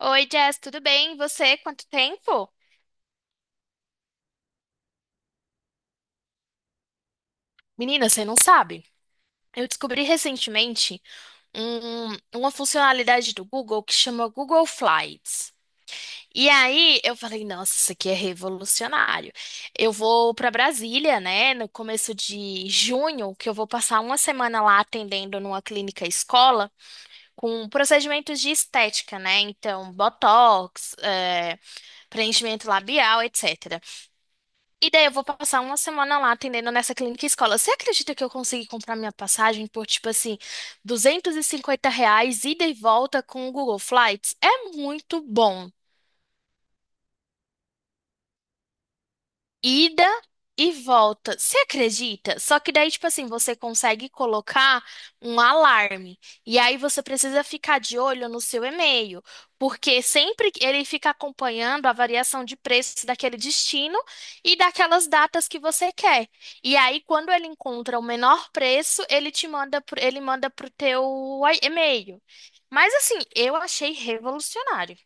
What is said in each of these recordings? Oi, Jess, tudo bem? E você, quanto tempo? Menina, você não sabe. Eu descobri recentemente uma funcionalidade do Google que chama Google Flights. E aí eu falei, nossa, isso aqui é revolucionário. Eu vou para Brasília, né, no começo de junho, que eu vou passar uma semana lá atendendo numa clínica escola com procedimentos de estética, né? Então, botox, preenchimento labial, etc. E daí eu vou passar uma semana lá atendendo nessa clínica escola. Você acredita que eu consegui comprar minha passagem por, tipo assim, R$ 250 ida e volta com o Google Flights? É muito bom. Ida e volta. Você acredita? Só que daí, tipo assim, você consegue colocar um alarme. E aí você precisa ficar de olho no seu e-mail, porque sempre que ele fica acompanhando a variação de preços daquele destino e daquelas datas que você quer. E aí, quando ele encontra o menor preço, ele te manda, ele manda pro teu e-mail. Mas assim, eu achei revolucionário.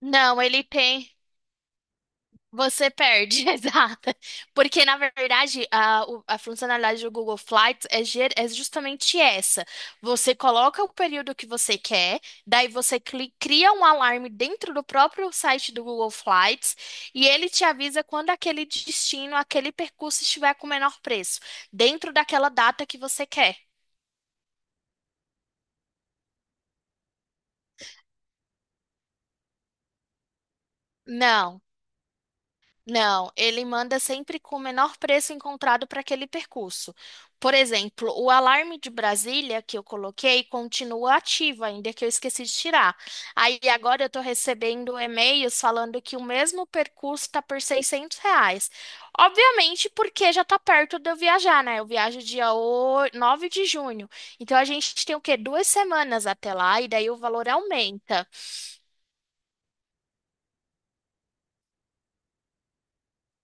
Não, ele tem. Você perde, exato. Porque, na verdade, a funcionalidade do Google Flights é justamente essa. Você coloca o período que você quer, daí você cria um alarme dentro do próprio site do Google Flights e ele te avisa quando aquele destino, aquele percurso estiver com o menor preço, dentro daquela data que você quer. Não. Não, ele manda sempre com o menor preço encontrado para aquele percurso. Por exemplo, o alarme de Brasília que eu coloquei continua ativo ainda que eu esqueci de tirar. Aí agora eu estou recebendo e-mails falando que o mesmo percurso está por R$ 600. Obviamente porque já está perto de eu viajar, né? Eu viajo dia 9 de junho. Então a gente tem o quê? Duas semanas até lá e daí o valor aumenta.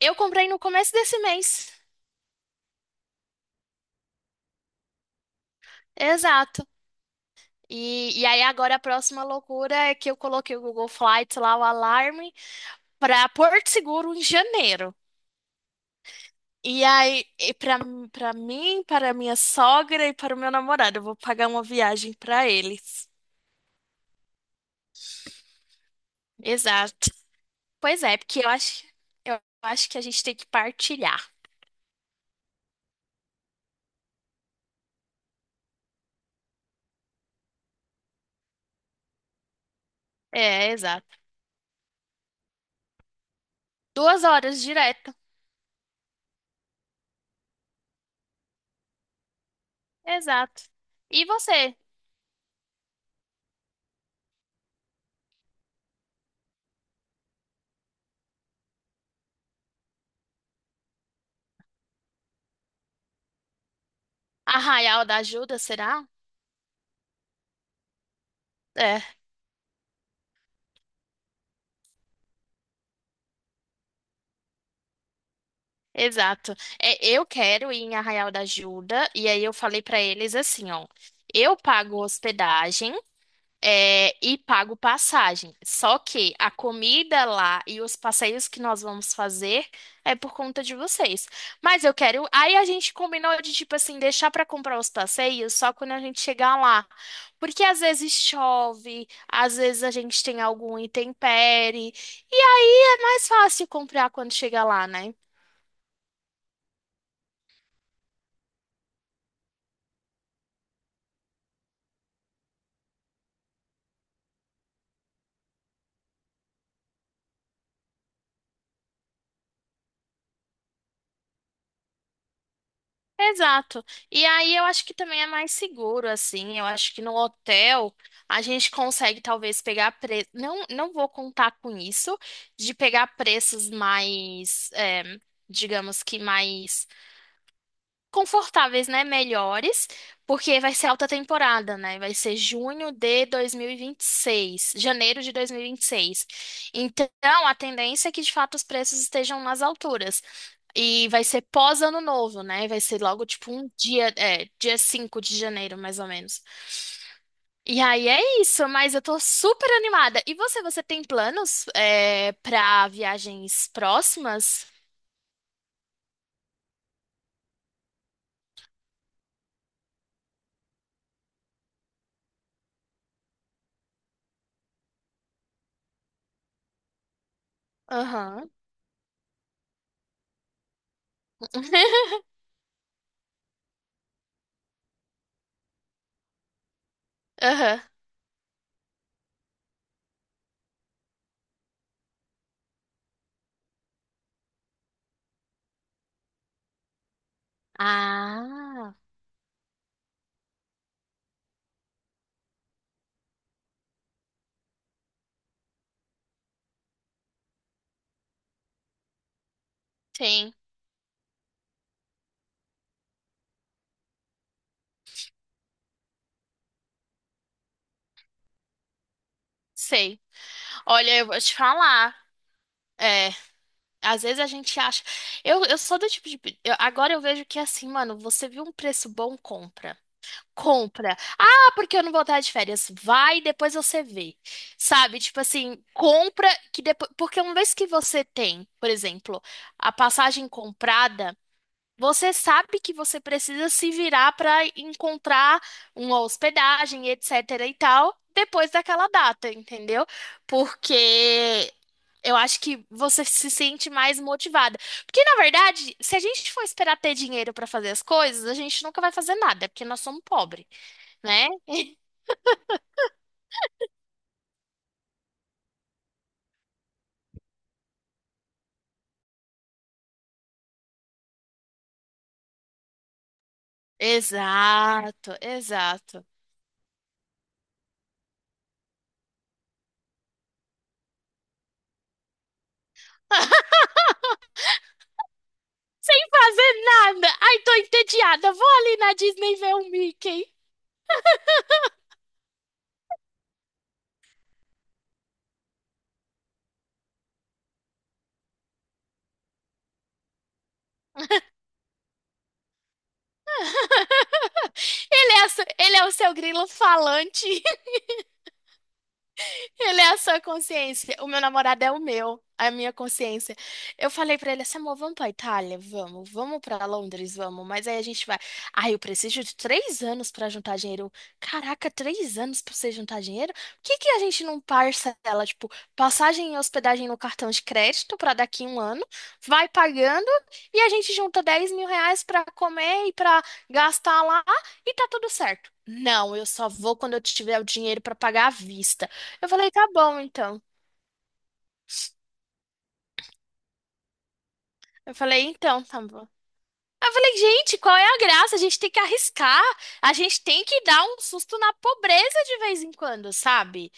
Eu comprei no começo desse mês. Exato. E aí agora a próxima loucura é que eu coloquei o Google Flights lá, o alarme, para Porto Seguro em janeiro. E aí, e para mim, para minha sogra e para o meu namorado, eu vou pagar uma viagem para eles. Exato. Pois é, porque eu acho que a gente tem que partilhar. É, exato. 2 horas direto. Exato. E você? Arraial da Ajuda, será? É. Exato. É, eu quero ir em Arraial da Ajuda, e aí eu falei pra eles assim, ó, eu pago hospedagem, é, e pago passagem. Só que a comida lá e os passeios que nós vamos fazer é por conta de vocês. Mas eu quero. Aí a gente combinou de tipo assim deixar pra comprar os passeios só quando a gente chegar lá, porque às vezes chove, às vezes a gente tem algum intempérie, e aí é mais fácil comprar quando chega lá, né? Exato. E aí eu acho que também é mais seguro, assim. Eu acho que no hotel a gente consegue talvez pegar preço. Não, não vou contar com isso, de pegar preços mais, é, digamos que mais confortáveis, né? Melhores, porque vai ser alta temporada, né? Vai ser junho de dois mil e vinte e seis, janeiro de dois mil e vinte e seis. Então, a tendência é que de fato os preços estejam nas alturas. E vai ser pós ano novo, né? Vai ser logo tipo um dia, é, dia 5 de janeiro, mais ou menos. E aí é isso, mas eu tô super animada. E você tem planos, é, pra viagens próximas? Aham. Aham. Ah, sim, sei. Olha, eu vou te falar. É, às vezes a gente acha. Eu sou do tipo de. Agora eu vejo que assim, mano, você viu um preço bom, compra. Compra. Ah, porque eu não vou estar de férias. Vai, depois você vê. Sabe? Tipo assim, compra que depois. Porque uma vez que você tem, por exemplo, a passagem comprada, você sabe que você precisa se virar para encontrar uma hospedagem, etc. e tal, depois daquela data, entendeu? Porque eu acho que você se sente mais motivada. Porque, na verdade, se a gente for esperar ter dinheiro para fazer as coisas, a gente nunca vai fazer nada, porque nós somos pobres, né? Exato, exato. Sem fazer nada. Ai, tô entediada. Vou ali na Disney ver o Mickey. Ele é, ele é o seu grilo falante. Ele é a sua consciência. O meu namorado é o meu, a minha consciência. Eu falei pra ele assim, amor, vamos pra Itália? Vamos. Vamos pra Londres? Vamos. Mas aí a gente vai. Ai, eu preciso de 3 anos pra juntar dinheiro. Caraca, 3 anos pra você juntar dinheiro? Por que que a gente não parcela, tipo, passagem e hospedagem no cartão de crédito pra daqui um ano? Vai pagando e a gente junta R$ 10.000 pra comer e pra gastar lá e tá tudo certo. Não, eu só vou quando eu tiver o dinheiro pra pagar à vista. Eu falei, tá bom, então. Eu falei, então, tá bom. Aí eu falei, gente, qual é a graça? A gente tem que arriscar, a gente tem que dar um susto na pobreza de vez em quando, sabe?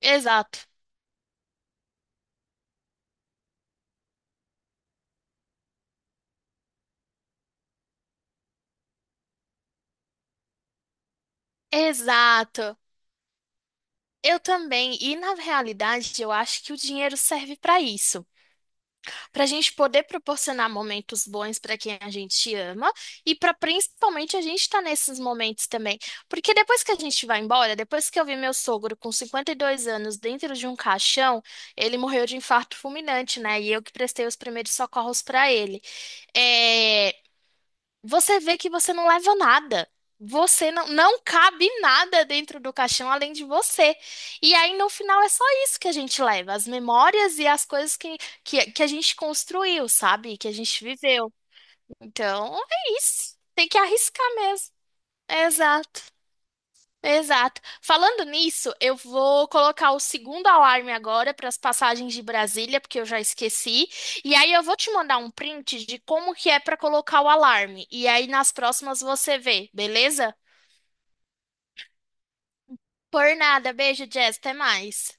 Exato. Exato. Eu também. E na realidade, eu acho que o dinheiro serve pra isso. Para a gente poder proporcionar momentos bons para quem a gente ama e para principalmente a gente estar nesses momentos também. Porque depois que a gente vai embora, depois que eu vi meu sogro com 52 anos dentro de um caixão, ele morreu de infarto fulminante, né? E eu que prestei os primeiros socorros para ele. É, você vê que você não leva nada. Você não, não cabe nada dentro do caixão além de você. E aí, no final, é só isso que a gente leva, as memórias e as coisas que a gente construiu, sabe? Que a gente viveu. Então, é isso. Tem que arriscar mesmo. Exato. Exato. Falando nisso, eu vou colocar o segundo alarme agora para as passagens de Brasília, porque eu já esqueci. E aí eu vou te mandar um print de como que é para colocar o alarme. E aí nas próximas você vê, beleza? Por nada. Beijo, Jess. Até mais.